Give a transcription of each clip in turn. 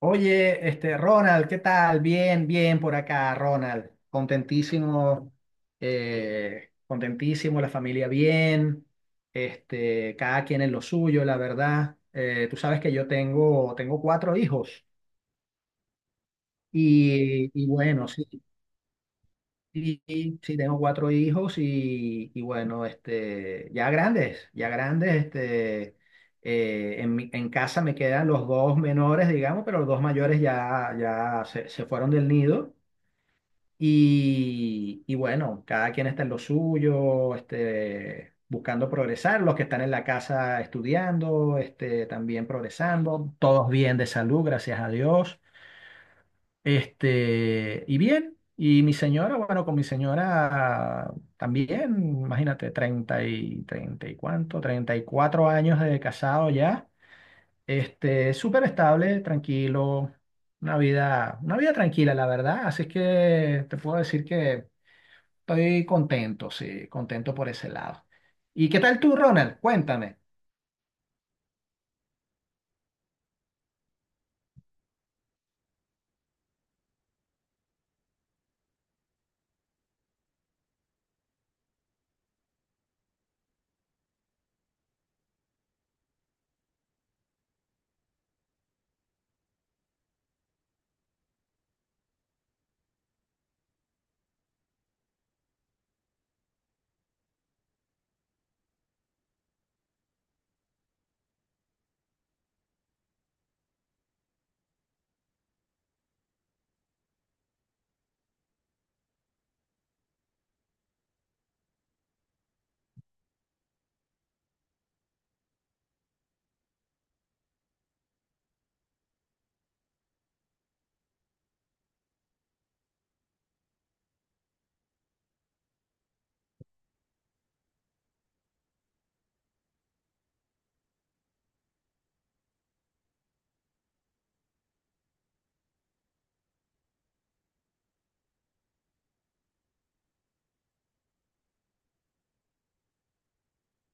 Oye, este, Ronald, ¿qué tal? Bien, bien por acá, Ronald. Contentísimo, contentísimo, la familia bien, este, cada quien en lo suyo, la verdad. Tú sabes que yo tengo cuatro hijos y bueno, sí. Y sí, tengo cuatro hijos y bueno, este, ya grandes, este, en casa me quedan los dos menores, digamos, pero los dos mayores ya, se fueron del nido y bueno, cada quien está en lo suyo, este, buscando progresar, los que están en la casa estudiando, este, también progresando, todos bien de salud, gracias a Dios. Este, y bien, y mi señora, bueno, con mi señora también, imagínate, 34 años de casado ya, este, súper estable, tranquilo, una vida tranquila, la verdad, así es que te puedo decir que estoy contento, sí, contento por ese lado. ¿Y qué tal tú, Ronald? Cuéntame.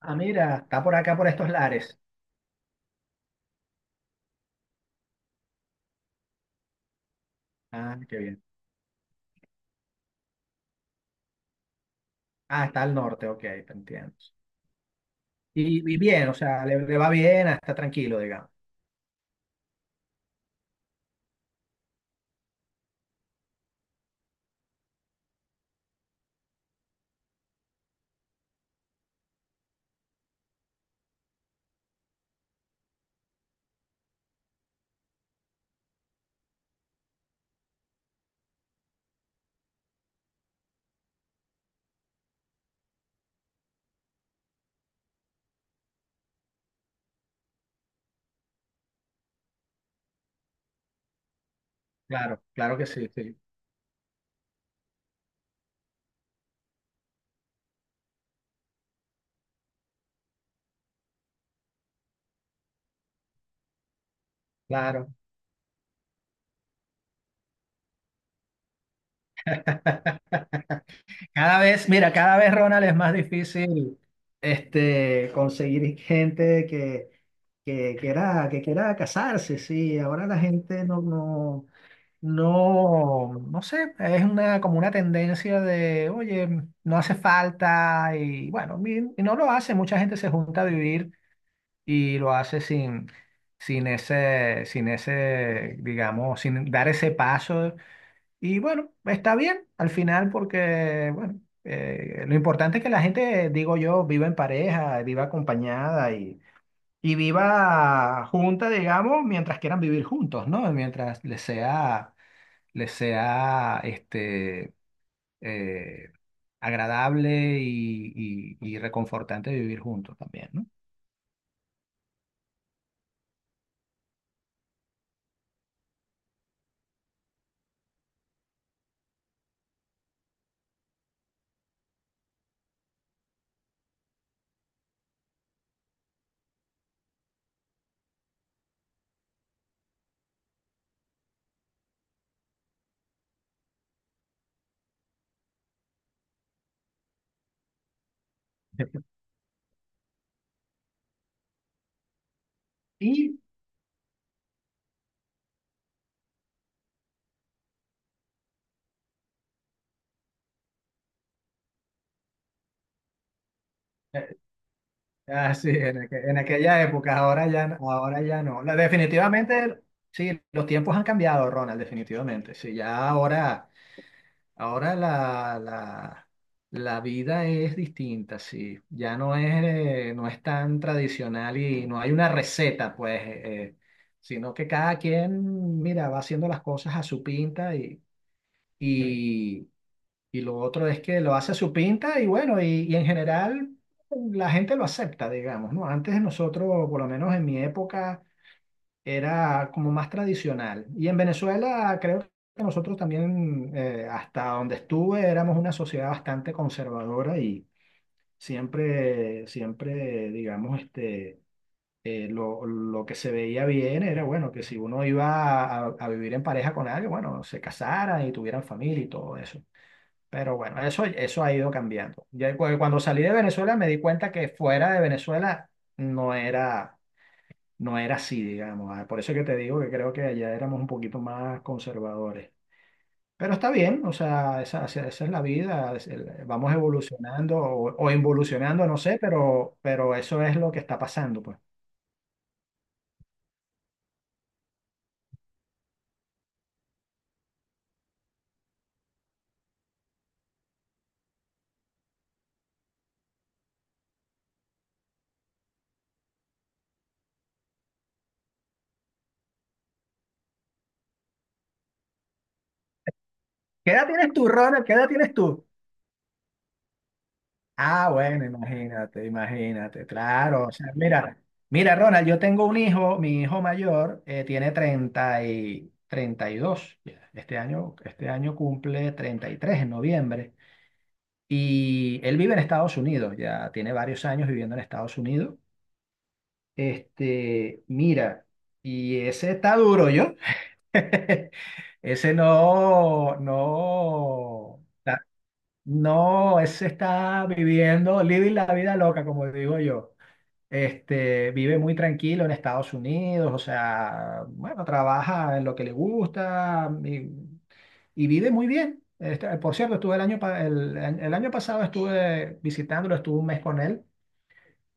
Ah, mira, está por acá, por estos lares. Ah, qué bien. Ah, está al norte, ok, te entiendo. Y bien, o sea, le va bien, ah, está tranquilo, digamos. Claro, claro que sí, sí, claro. Cada vez, mira, cada vez, Ronald, es más difícil este, conseguir gente que, que quiera casarse, sí. Ahora la gente no sé, es una, como una tendencia de, oye, no hace falta y bueno, y no lo hace. Mucha gente se junta a vivir y lo hace sin, sin ese, digamos, sin dar ese paso. Y bueno, está bien al final porque, bueno, lo importante es que la gente, digo yo, viva en pareja, viva acompañada y viva junta, digamos, mientras quieran vivir juntos, ¿no? Mientras les sea, este, eh, agradable y, y reconfortante vivir juntos también, ¿no? Y eh, ah, sí, en aquella época, ahora ya, ahora ya no. Definitivamente, sí, los tiempos han cambiado, Ronald, definitivamente. Sí, ya ahora, ahora la, la, la vida es distinta, sí. Ya no es, no es tan tradicional y no hay una receta, pues, sino que cada quien, mira, va haciendo las cosas a su pinta y, y y lo otro es que lo hace a su pinta y bueno, y en general la gente lo acepta, digamos, ¿no? Antes de nosotros, por lo menos en mi época, era como más tradicional. Y en Venezuela creo que nosotros también, hasta donde estuve, éramos una sociedad bastante conservadora y siempre, siempre, digamos, este, lo que se veía bien era, bueno, que si uno iba a vivir en pareja con alguien, bueno, se casaran y tuvieran familia y todo eso. Pero bueno, eso ha ido cambiando. Ya cuando salí de Venezuela me di cuenta que fuera de Venezuela no era, no era así, digamos. Ah, por eso que te digo que creo que allá éramos un poquito más conservadores. Pero está bien, o sea, esa es la vida. Vamos evolucionando o involucionando, no sé, pero eso es lo que está pasando, pues. ¿Qué edad tienes tú, Ronald? ¿Qué edad tienes tú? Ah, bueno, imagínate, imagínate, claro. O sea, mira, mira, Ronald, yo tengo un hijo, mi hijo mayor tiene 30 y 32 ya. Este año cumple 33 en noviembre. Y él vive en Estados Unidos, ya tiene varios años viviendo en Estados Unidos. Este, mira, y ese está duro, yo. Ese no, no. No, ese está viviendo, living la vida loca, como digo yo. Este, vive muy tranquilo en Estados Unidos, o sea, bueno, trabaja en lo que le gusta y vive muy bien. Este, por cierto, estuve el año, pa- el año pasado estuve visitándolo, estuve un mes con él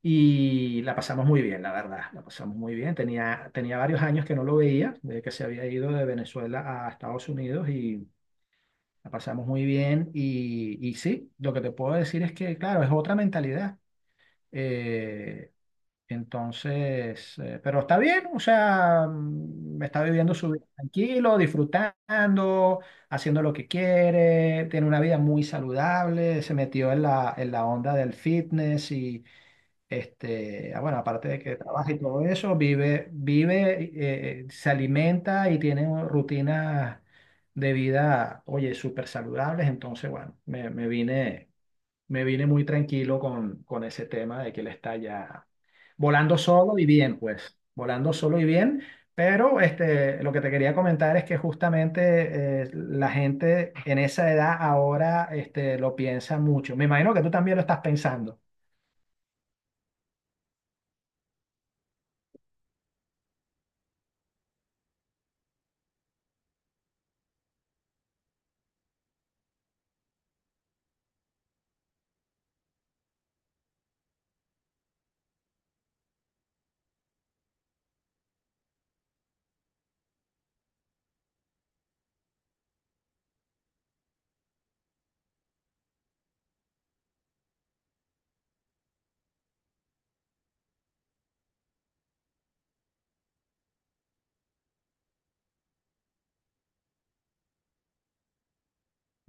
y la pasamos muy bien, la verdad, la pasamos muy bien. Tenía varios años que no lo veía, desde que se había ido de Venezuela a Estados Unidos y la pasamos muy bien y sí, lo que te puedo decir es que, claro, es otra mentalidad. Eh, pero está bien, o sea, mm, está viviendo su vida tranquilo, disfrutando, haciendo lo que quiere, tiene una vida muy saludable, se metió en la onda del fitness y, este, ah, bueno, aparte de que trabaja y todo eso, vive, se alimenta y tiene rutinas de vida, oye, súper saludables. Entonces, bueno, me vine muy tranquilo con ese tema de que él está ya volando solo y bien, pues, volando solo y bien. Pero este, lo que te quería comentar es que justamente la gente en esa edad ahora este, lo piensa mucho. Me imagino que tú también lo estás pensando.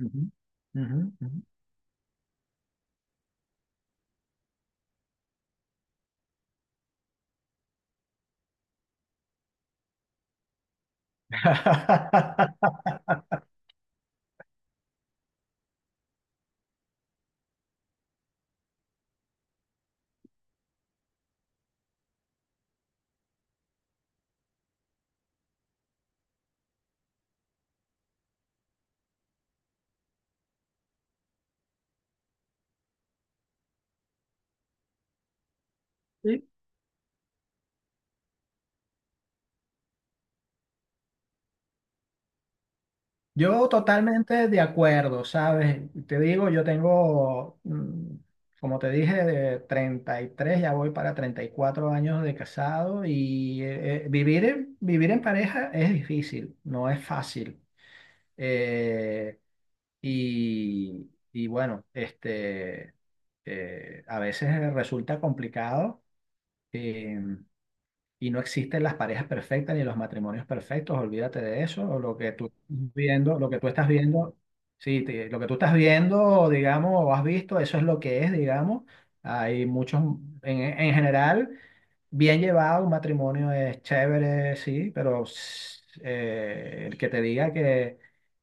Ujú, ujú, ujú. Sí. Yo totalmente de acuerdo, ¿sabes? Te digo, yo tengo, mm, como te dije, de 33, ya voy para 34 años de casado y vivir en, vivir en pareja es difícil, no es fácil. Eh, y, y bueno, este, a veces resulta complicado. eh, Y no existen las parejas perfectas ni los matrimonios perfectos, olvídate de eso. O Lo que tú estás viendo, lo que tú estás viendo, sí, lo que tú estás viendo, digamos, o has visto, eso es lo que es, digamos. Hay muchos, en general, bien llevado, un matrimonio es chévere, sí, pero el que te diga que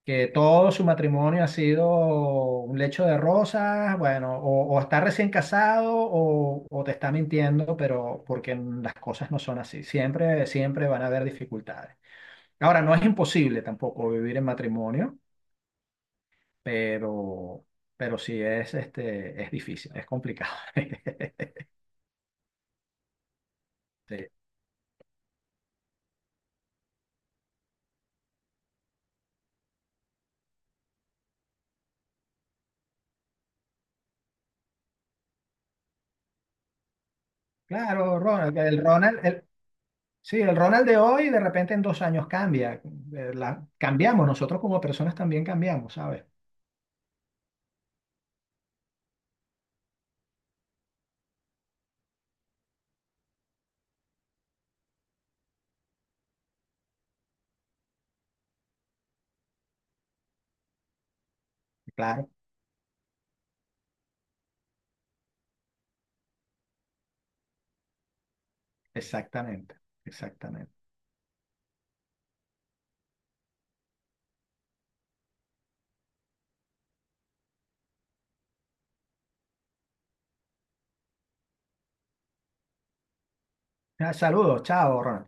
todo su matrimonio ha sido un lecho de rosas, bueno, o está recién casado o te está mintiendo, pero porque las cosas no son así. Siempre, siempre van a haber dificultades. Ahora, no es imposible tampoco vivir en matrimonio, pero, pero sí es, este, es difícil, es complicado. Sí. Claro, Ronald, sí, el Ronald de hoy de repente en dos años cambia. Cambiamos, nosotros como personas también cambiamos, ¿sabes? Claro. Exactamente, exactamente. Ah, saludos, chao, Ronald.